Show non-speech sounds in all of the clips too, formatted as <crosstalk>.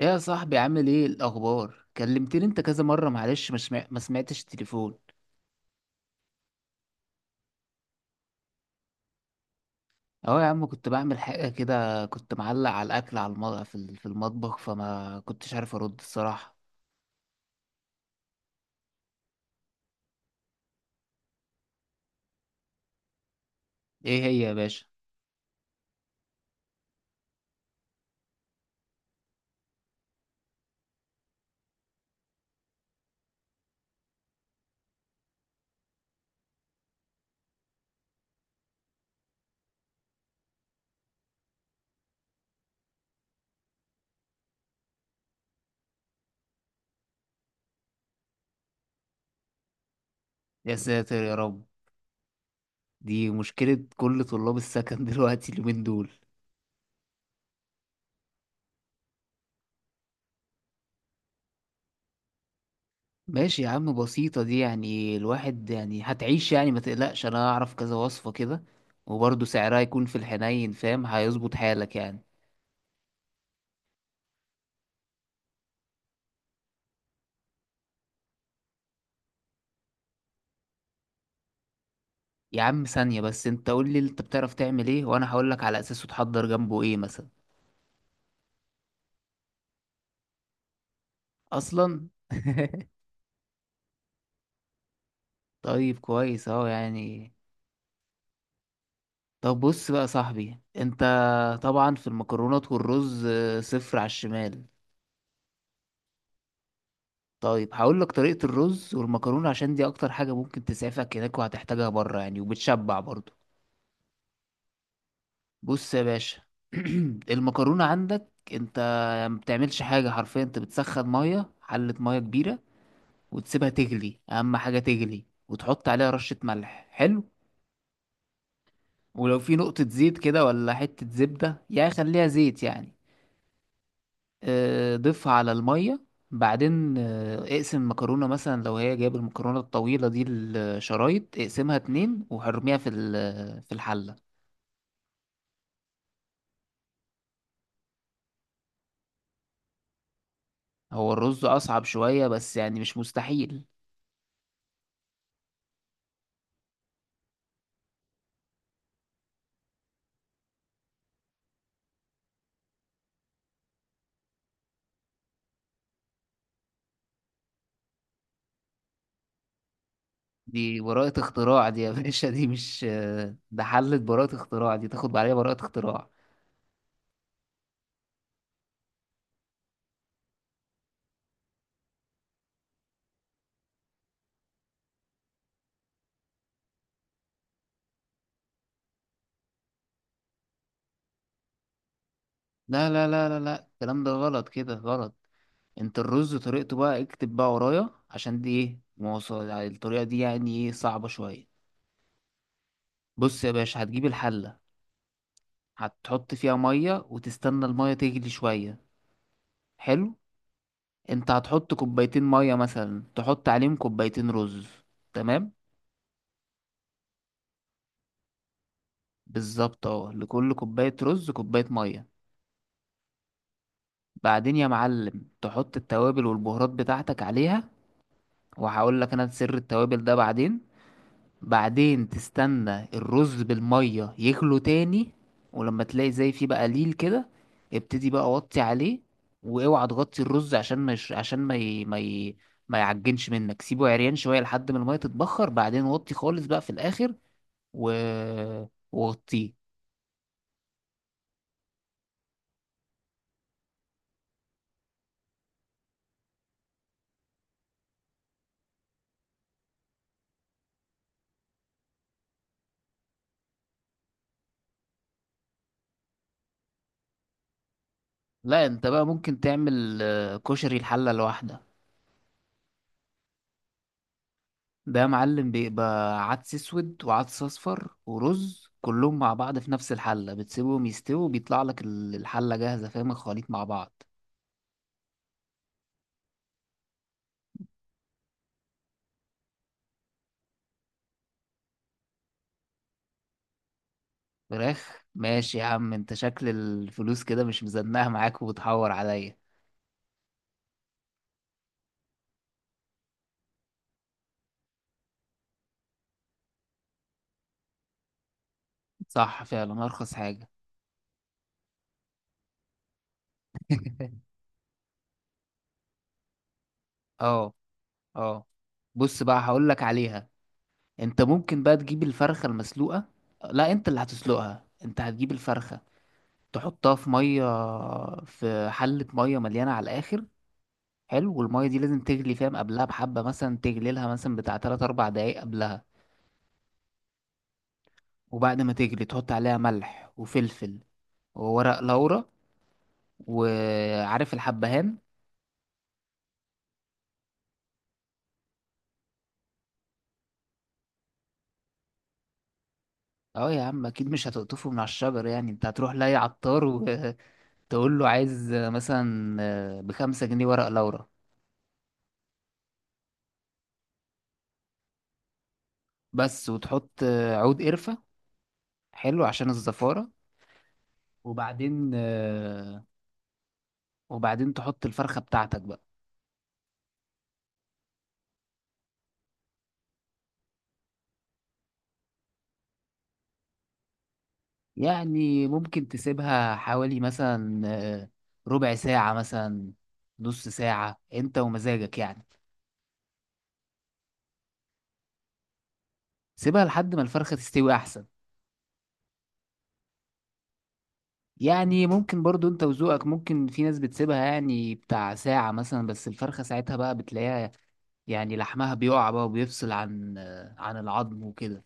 ايه يا صاحبي، عامل ايه الاخبار؟ كلمتني انت كذا مره معلش، مش ما سمعتش التليفون. اهو يا عم، كنت بعمل حاجه كده، كنت معلق على الاكل، على المطبخ في المطبخ، فما كنتش عارف ارد الصراحه. ايه هي يا باشا؟ يا ساتر يا رب، دي مشكله كل طلاب السكن <laughs> دلوقتي اليومين دول. ماشي يا عم، بسيطه دي، يعني الواحد يعني هتعيش، يعني ما تقلقش، انا هعرف كذا وصفه كده. وبرضه سعرها يكون في الحنين، فاهم، هيظبط حالك يعني. يا عم ثانية بس، انت قول لي انت بتعرف تعمل ايه، وانا هقول لك على اساسه تحضر جنبه ايه مثلا. اصلا <laughs> طيب كويس اهو يعني. طب بص بقى يا صاحبي انت، طبعا في المكرونات والرز، صفر على الشمال. طيب هقول لك طريقة الرز والمكرونة، عشان دي اكتر حاجة ممكن تسعفك هناك، وهتحتاجها بره يعني، وبتشبع برضه. بص يا باشا. <clears throat> المكرونة عندك انت، ما بتعملش حاجة، حرفيا انت بتسخن مية، حلة مية كبيرة، وتسيبها تغلي، اهم حاجة تغلي، وتحط عليها رشة ملح. حلو. ولو في نقطة زيت كده ولا حتة زبدة، يعني خليها زيت يعني. ضيفها على المية. بعدين اقسم المكرونة مثلا، لو هي جايب المكرونة الطويلة دي الشرايط، اقسمها اتنين وحرميها في الحلة. هو الرز أصعب شوية، بس يعني مش مستحيل. دي براءة اختراع دي يا <laughs> باشا، دي مش ده حلة براءة اختراع، دي تاخد عليها براءة اختراع. لا لا لا لا لا، الكلام ده غلط، كده غلط. انت الرز طريقته بقى، اكتب بقى ورايا، عشان دي ايه مواصل، الطريقة دي يعني ايه صعبة شوية. بص يا باشا، هتجيب الحلة، هتحط فيها مية وتستنى المية تغلي شوية. حلو. انت هتحط كوبايتين مية، مثلا تحط عليهم كوبايتين رز. تمام. بالظبط، اه، لكل كوباية رز كوباية مية. بعدين يا معلم، تحط التوابل والبهارات بتاعتك عليها، وهقول لك انا سر التوابل ده بعدين. بعدين تستنى الرز بالمية يغلو تاني، ولما تلاقي زي فيه بقى ليل كده، ابتدي بقى وطي عليه. واوعى تغطي الرز عشان ما يش... عشان ما ي... ما ي... ما يعجنش منك، سيبه عريان شوية لحد ما المية تتبخر، بعدين وطي خالص بقى في الآخر و... وغطيه. لا، انت بقى ممكن تعمل كشري الحلة لوحدك. ده يا معلم بيبقى عدس اسود وعدس اصفر ورز كلهم مع بعض في نفس الحله، بتسيبهم يستووا، بيطلع لك الحله جاهزه، فاهم، الخليط مع بعض. فراخ؟ ماشي يا عم، انت شكل الفلوس كده مش مزنقه معاك وبتحور عليا. صح، فعلا ارخص حاجه. <laughs> اه، اه، بص بقى هقول لك عليها. انت ممكن بقى تجيب الفرخه المسلوقه. لا، انت اللي هتسلقها، انت هتجيب الفرخه، تحطها في ميه، في حله ميه مليانه على الاخر. حلو، والمية دي لازم تغلي، فاهم، قبلها بحبة مثلا، تغلي لها مثلا بتاع 3-4 دقايق قبلها. وبعد ما تغلي تحط عليها ملح وفلفل، وورق لورا، وعارف الحبهان. اه يا عم، اكيد مش هتقطفه من على الشجر يعني، انت هتروح لاي عطار وتقول له <laughs> عايز مثلا ب5 جنيه ورق لورا بس. وتحط عود قرفة، حلو، عشان الزفارة. وبعدين وبعدين تحط الفرخة بتاعتك بقى. يعني ممكن تسيبها حوالي مثلا، ربع ساعة مثلا، نص ساعة انت ومزاجك يعني. سيبها لحد ما الفرخة تستوي احسن. يعني ممكن برضو انت وذوقك، ممكن في ناس بتسيبها يعني بتاع ساعة مثلا، بس الفرخة ساعتها بقى بتلاقيها، يعني لحمها بيقع بقى وبيفصل عن العظم وكده.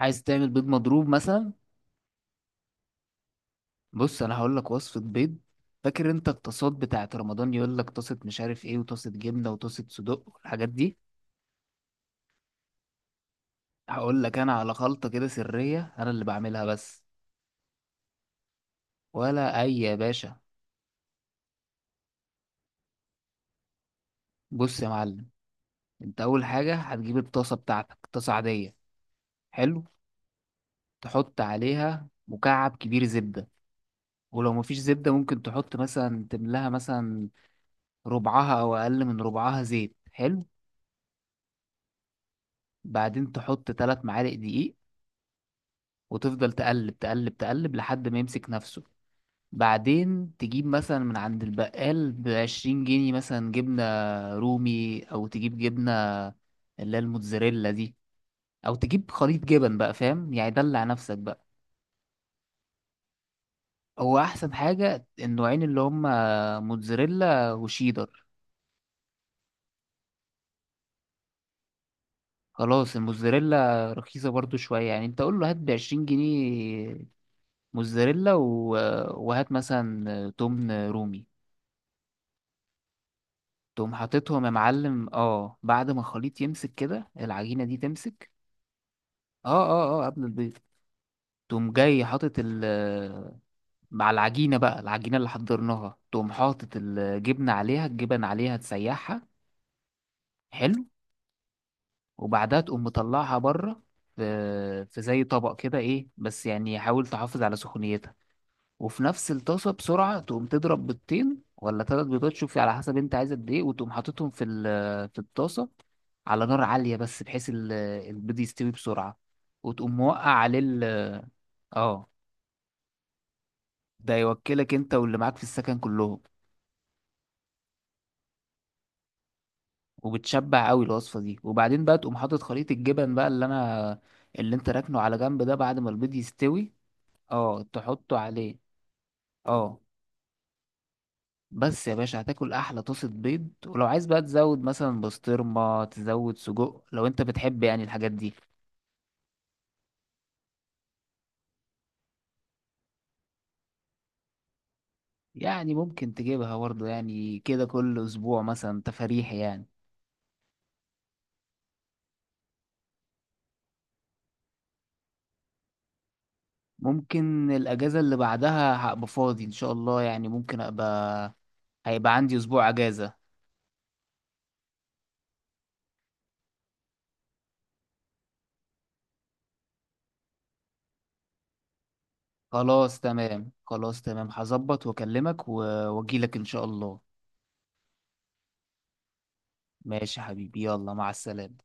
عايز تعمل بيض مضروب مثلا؟ بص، انا هقول لك وصفة بيض. فاكر انت الطاسات بتاعت رمضان؟ يقول لك طاسة مش عارف ايه، وطاسة جبنة، وطاسة صدق، والحاجات دي. هقول لك انا على خلطة كده سرية، انا اللي بعملها بس. ولا اي يا باشا. بص يا معلم، انت اول حاجة هتجيب الطاسة بتاعتك، طاسة عادية. حلو. تحط عليها مكعب كبير زبدة، ولو مفيش زبدة ممكن تحط مثلا، تملاها مثلا ربعها او اقل من ربعها زيت. حلو. بعدين تحط 3 معالق دقيق، وتفضل تقلب تقلب تقلب لحد ما يمسك نفسه. بعدين تجيب مثلا من عند البقال ب20 جنيه مثلا جبنة رومي، أو تجيب جبنة اللي هي الموتزاريلا دي، أو تجيب خليط جبن بقى، فاهم، يعني دلع نفسك بقى. هو أحسن حاجة النوعين، اللي هما موتزاريلا وشيدر. خلاص، الموتزاريلا رخيصة برضو شوية يعني، أنت قول له هات ب20 جنيه موتزاريلا وهات مثلا تمن رومي. تقوم حاططهم يا معلم، اه، بعد ما الخليط يمسك كده، العجينة دي تمسك. اه، اه، اه، قبل البيض. تقوم جاي حاطط مع العجينة بقى، العجينة اللي حضرناها، تقوم حاطط الجبن عليها، تسيحها. حلو. وبعدها تقوم مطلعها بره، في في زي طبق كده، ايه بس يعني حاول تحافظ على سخونيتها. وفي نفس الطاسة بسرعة، تقوم تضرب بيضتين ولا 3 بيضات، شوفي على حسب انت عايز قد ايه، وتقوم حاططهم في الطاسة، على نار عالية، بس بحيث البيض يستوي بسرعة، وتقوم موقع عليه اه. ده يوكلك انت واللي معاك في السكن كلهم. وبتشبع قوي الوصفه دي، وبعدين بقى تقوم حاطط خليط الجبن بقى، اللي انت راكنه على جنب ده، بعد ما البيض يستوي. اه، تحطه عليه. اه. بس يا باشا هتاكل احلى طاسه بيض، ولو عايز بقى تزود مثلا بسطرمه، تزود سجق لو انت بتحب يعني الحاجات دي. يعني ممكن تجيبها برضه يعني، كده كل اسبوع مثلا تفاريح يعني. ممكن الاجازه اللي بعدها هبقى فاضي ان شاء الله، يعني ممكن ابقى، هيبقى عندي اسبوع اجازه. خلاص تمام، خلاص تمام، هظبط واكلمك واجيلك ان شاء الله. ماشي يا حبيبي، يلا، مع السلامة.